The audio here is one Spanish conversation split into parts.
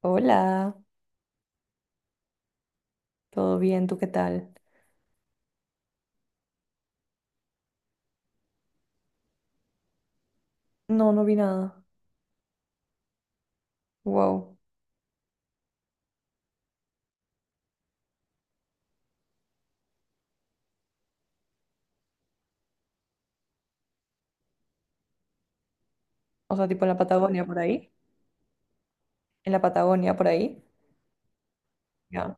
Hola, ¿todo bien? ¿Tú qué tal? No, no vi nada. Wow. O sea, tipo en la Patagonia por ahí. En la Patagonia por ahí. Ya.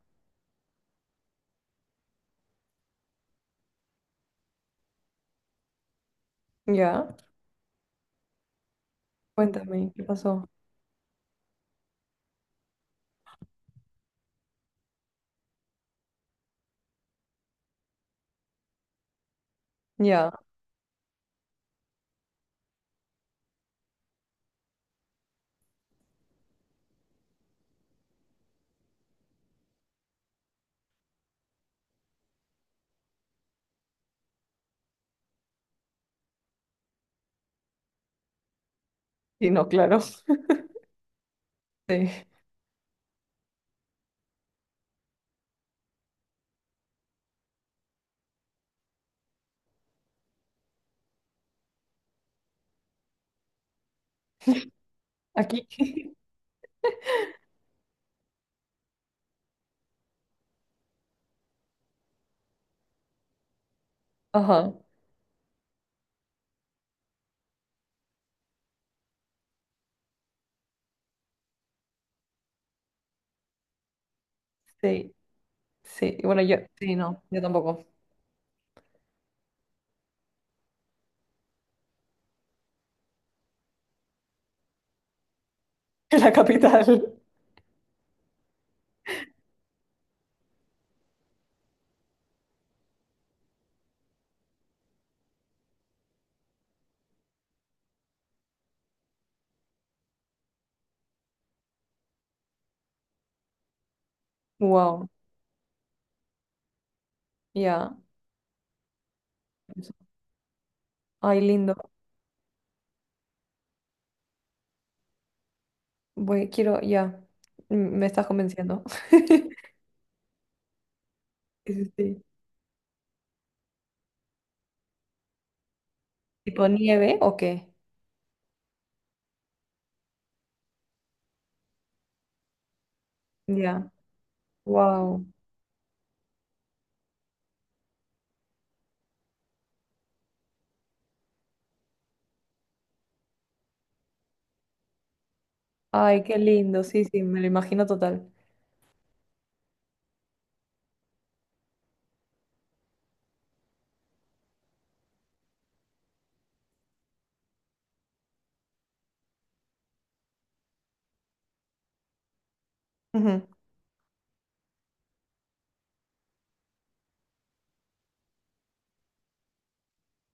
Ya. Cuéntame, ¿qué pasó? Ya. Sí, no, claro. Sí. Aquí. Ajá. Sí. Sí. Y bueno, yo. Sí, no, yo tampoco. En la capital. Wow. Ya. Eso. Ay, lindo. Voy, quiero, ya. Me estás convenciendo. Sí, sí, sí. ¿Tipo nieve o qué? Ya. Wow. Ay, qué lindo, sí, sí, me lo imagino total. Ujú.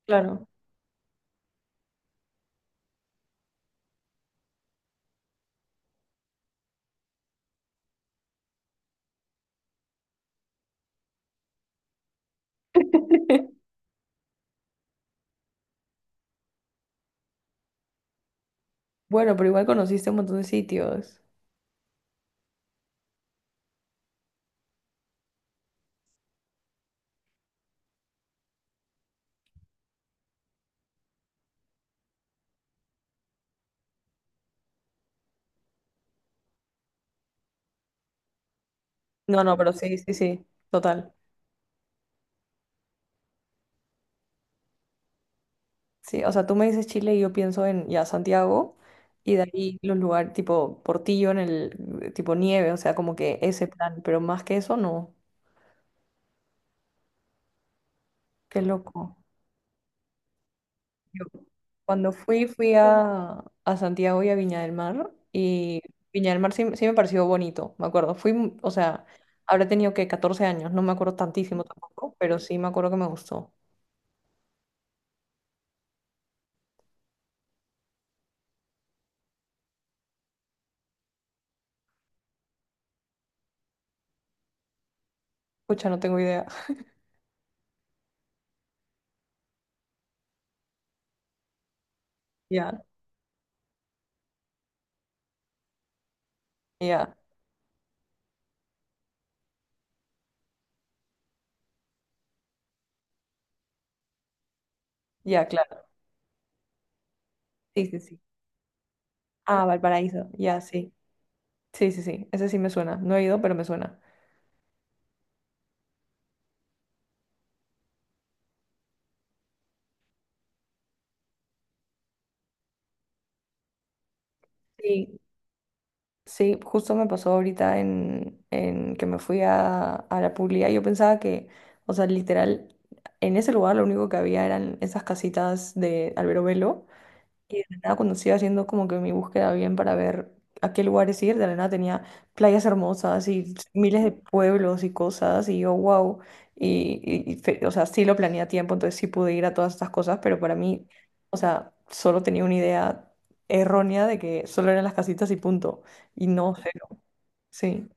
Claro. Bueno, pero igual conociste un montón de sitios. No, no, pero sí, sí, sí, total. Sí, o sea, tú me dices Chile y yo pienso en ya Santiago y de ahí los lugares tipo Portillo en el tipo nieve, o sea, como que ese plan, pero más que eso no. Qué loco. Yo Cuando fui a, Santiago y a Viña del Mar y Viña del Mar sí, sí me pareció bonito, me acuerdo. O sea, habré tenido que 14 años, no me acuerdo tantísimo tampoco, pero sí me acuerdo que me gustó. Pucha, no tengo idea. Ya, ya, ya, claro. Sí, sí, sí. Ah, Valparaíso, ya, sí. Sí, sí, sí, ese sí me suena. No he ido, pero me suena. Sí. Sí, justo me pasó ahorita en, que me fui a la publicidad. Yo pensaba que, o sea, literal, en ese lugar lo único que había eran esas casitas de Alberobello y de la nada, cuando estoy haciendo como que mi búsqueda bien para ver a qué lugares ir, de la nada tenía playas hermosas y miles de pueblos y cosas, y yo, wow. O sea, sí lo planeé a tiempo, entonces sí pude ir a todas estas cosas, pero para mí, o sea, solo tenía una idea errónea de que solo eran las casitas y punto. Y no, cero. Sí.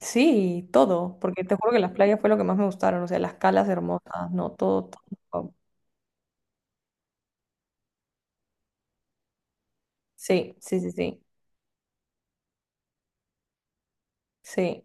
Sí, todo, porque te juro que las playas fue lo que más me gustaron, o sea, las calas hermosas, no, todo, todo. Wow. Sí, sí, sí, sí. Sí.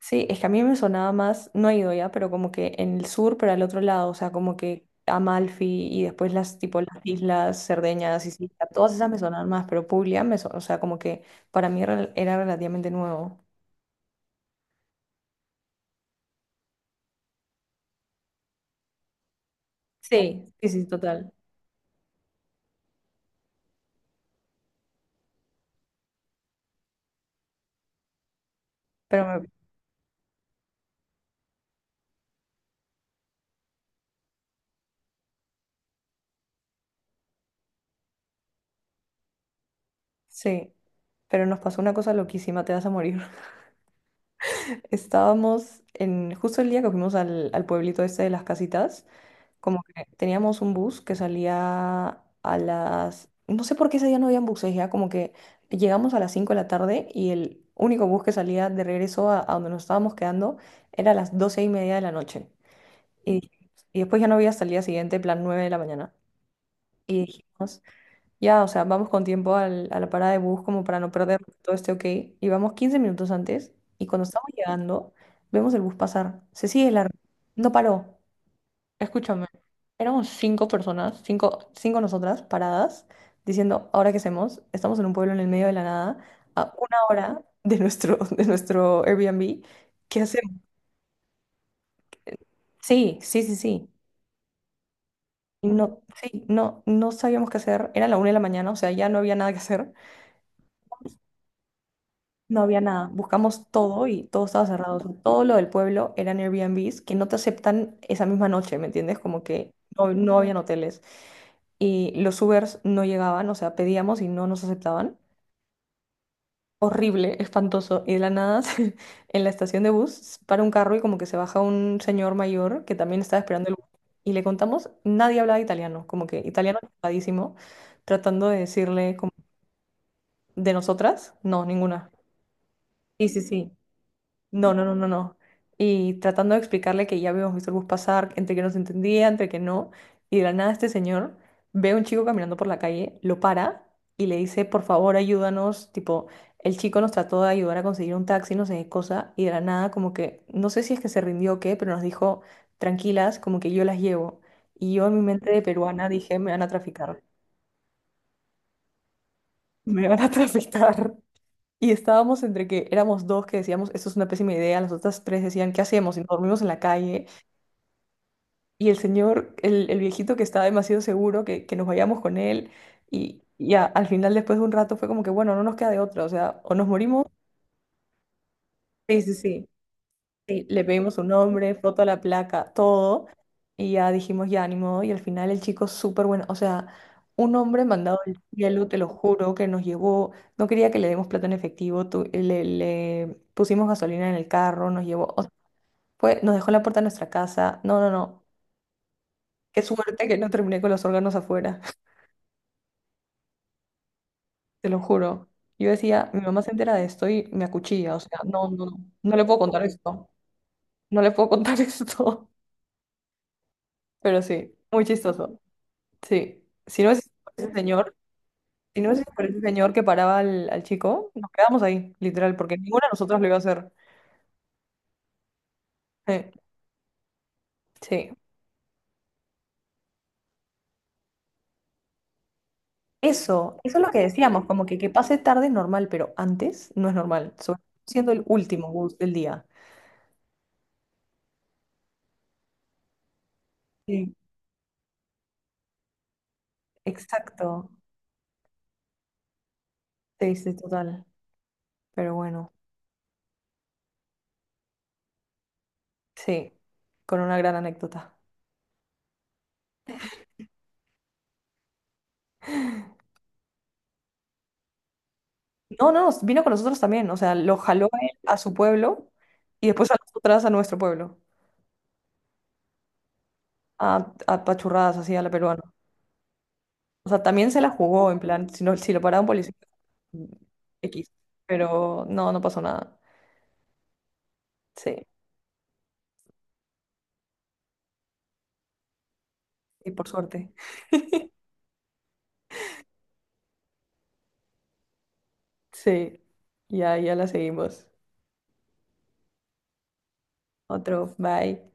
Sí, es que a mí me sonaba más, no he ido ya, pero como que en el sur, pero al otro lado, o sea, como que Amalfi y después las tipo las islas Cerdeña, Sicilia, todas esas me sonaban más, pero Puglia o sea, como que para mí era relativamente nuevo. Sí, sí, sí, total. Pero me- sí, pero nos pasó una cosa loquísima, te vas a morir. Estábamos en justo el día que fuimos al pueblito este de las casitas. Como que teníamos un bus que salía a las. No sé por qué ese día no habían buses ya, como que llegamos a las 5 de la tarde y el único bus que salía de regreso a donde nos estábamos quedando era a las 12:30 de la noche. Y, y después ya no había hasta el día siguiente, plan 9 de la mañana. Y dijimos, ya, o sea, vamos con tiempo a la parada de bus como para no perder todo este ok. Y vamos 15 minutos antes y cuando estamos llegando, vemos el bus pasar. Se sigue largo. No paró. Escúchame, éramos cinco personas, cinco, cinco nosotras paradas, diciendo, ¿ahora qué hacemos? Estamos en un pueblo en el medio de la nada, a una hora de nuestro, de nuestro Airbnb. ¿Qué hacemos? Sí, sí, sí, sí. Y no, sí, no, no sabíamos qué hacer. Era la 1 de la mañana, o sea, ya no había nada que hacer. No había nada. Buscamos todo y todo estaba cerrado. O sea, todo lo del pueblo eran Airbnbs que no te aceptan esa misma noche, ¿me entiendes? Como que no, no habían hoteles. Y los Ubers no llegaban, o sea, pedíamos y no nos aceptaban. Horrible, espantoso. Y de la nada, en la estación de bus, para un carro y como que se baja un señor mayor que también estaba esperando el bus. Y le contamos, nadie hablaba italiano, como que italiano chocadísimo, tratando de decirle como, de nosotras, no, ninguna. Sí, sí, sí. No, no, no, no, no. Y tratando de explicarle que ya habíamos visto el bus pasar, entre que nos entendía, entre que no. Y de la nada este señor ve a un chico caminando por la calle, lo para y le dice, por favor, ayúdanos. Tipo, el chico nos trató de ayudar a conseguir un taxi, no sé qué cosa. Y de la nada, como que, no sé si es que se rindió o qué, pero nos dijo, tranquilas, como que yo las llevo. Y yo en mi mente de peruana dije, me van a traficar. Me van a traficar. Y estábamos entre que éramos dos que decíamos, esto es una pésima idea, las otras tres decían, ¿qué hacemos? Y nos dormimos en la calle. Y el señor, el viejito que estaba demasiado seguro que, nos vayamos con él. Y ya, al final, después de un rato, fue como que, bueno, no nos queda de otra. O sea, o nos morimos. Sí, sí, sí. Sí, le pedimos un nombre, foto a la placa, todo. Y ya dijimos, ya, ni modo. Y al final el chico súper bueno. O sea, un hombre mandado del cielo, te lo juro, que nos llevó. No quería que le demos plata en efectivo. Le pusimos gasolina en el carro, nos llevó. O sea, fue, nos dejó en la puerta de nuestra casa. No, no, no. Qué suerte que no terminé con los órganos afuera. Te lo juro. Yo decía, mi mamá se entera de esto y me acuchilla. O sea, no, no, no. No le puedo contar esto. No le puedo contar esto. Pero sí, muy chistoso. Sí. Si no es ese señor, si no es por ese señor que paraba al chico, nos quedamos ahí, literal, porque ninguna de nosotras lo iba a hacer. Eh, Sí. Eso es lo que decíamos, como que pase tarde es normal, pero antes no es normal, sobre todo siendo el último bus del día. Sí, exacto. Sí, sí, total. Pero bueno, sí, con una gran anécdota. No, no, vino con nosotros también, o sea, lo jaló a él a su pueblo y después a nosotras a nuestro pueblo, a pachurradas así a la peruana. O sea, también se la jugó, en plan, si, no, si lo paraba un policía, mm, X. Pero no, no pasó nada. Sí, y por suerte. Sí, y ahí ya la seguimos. Otro, bye.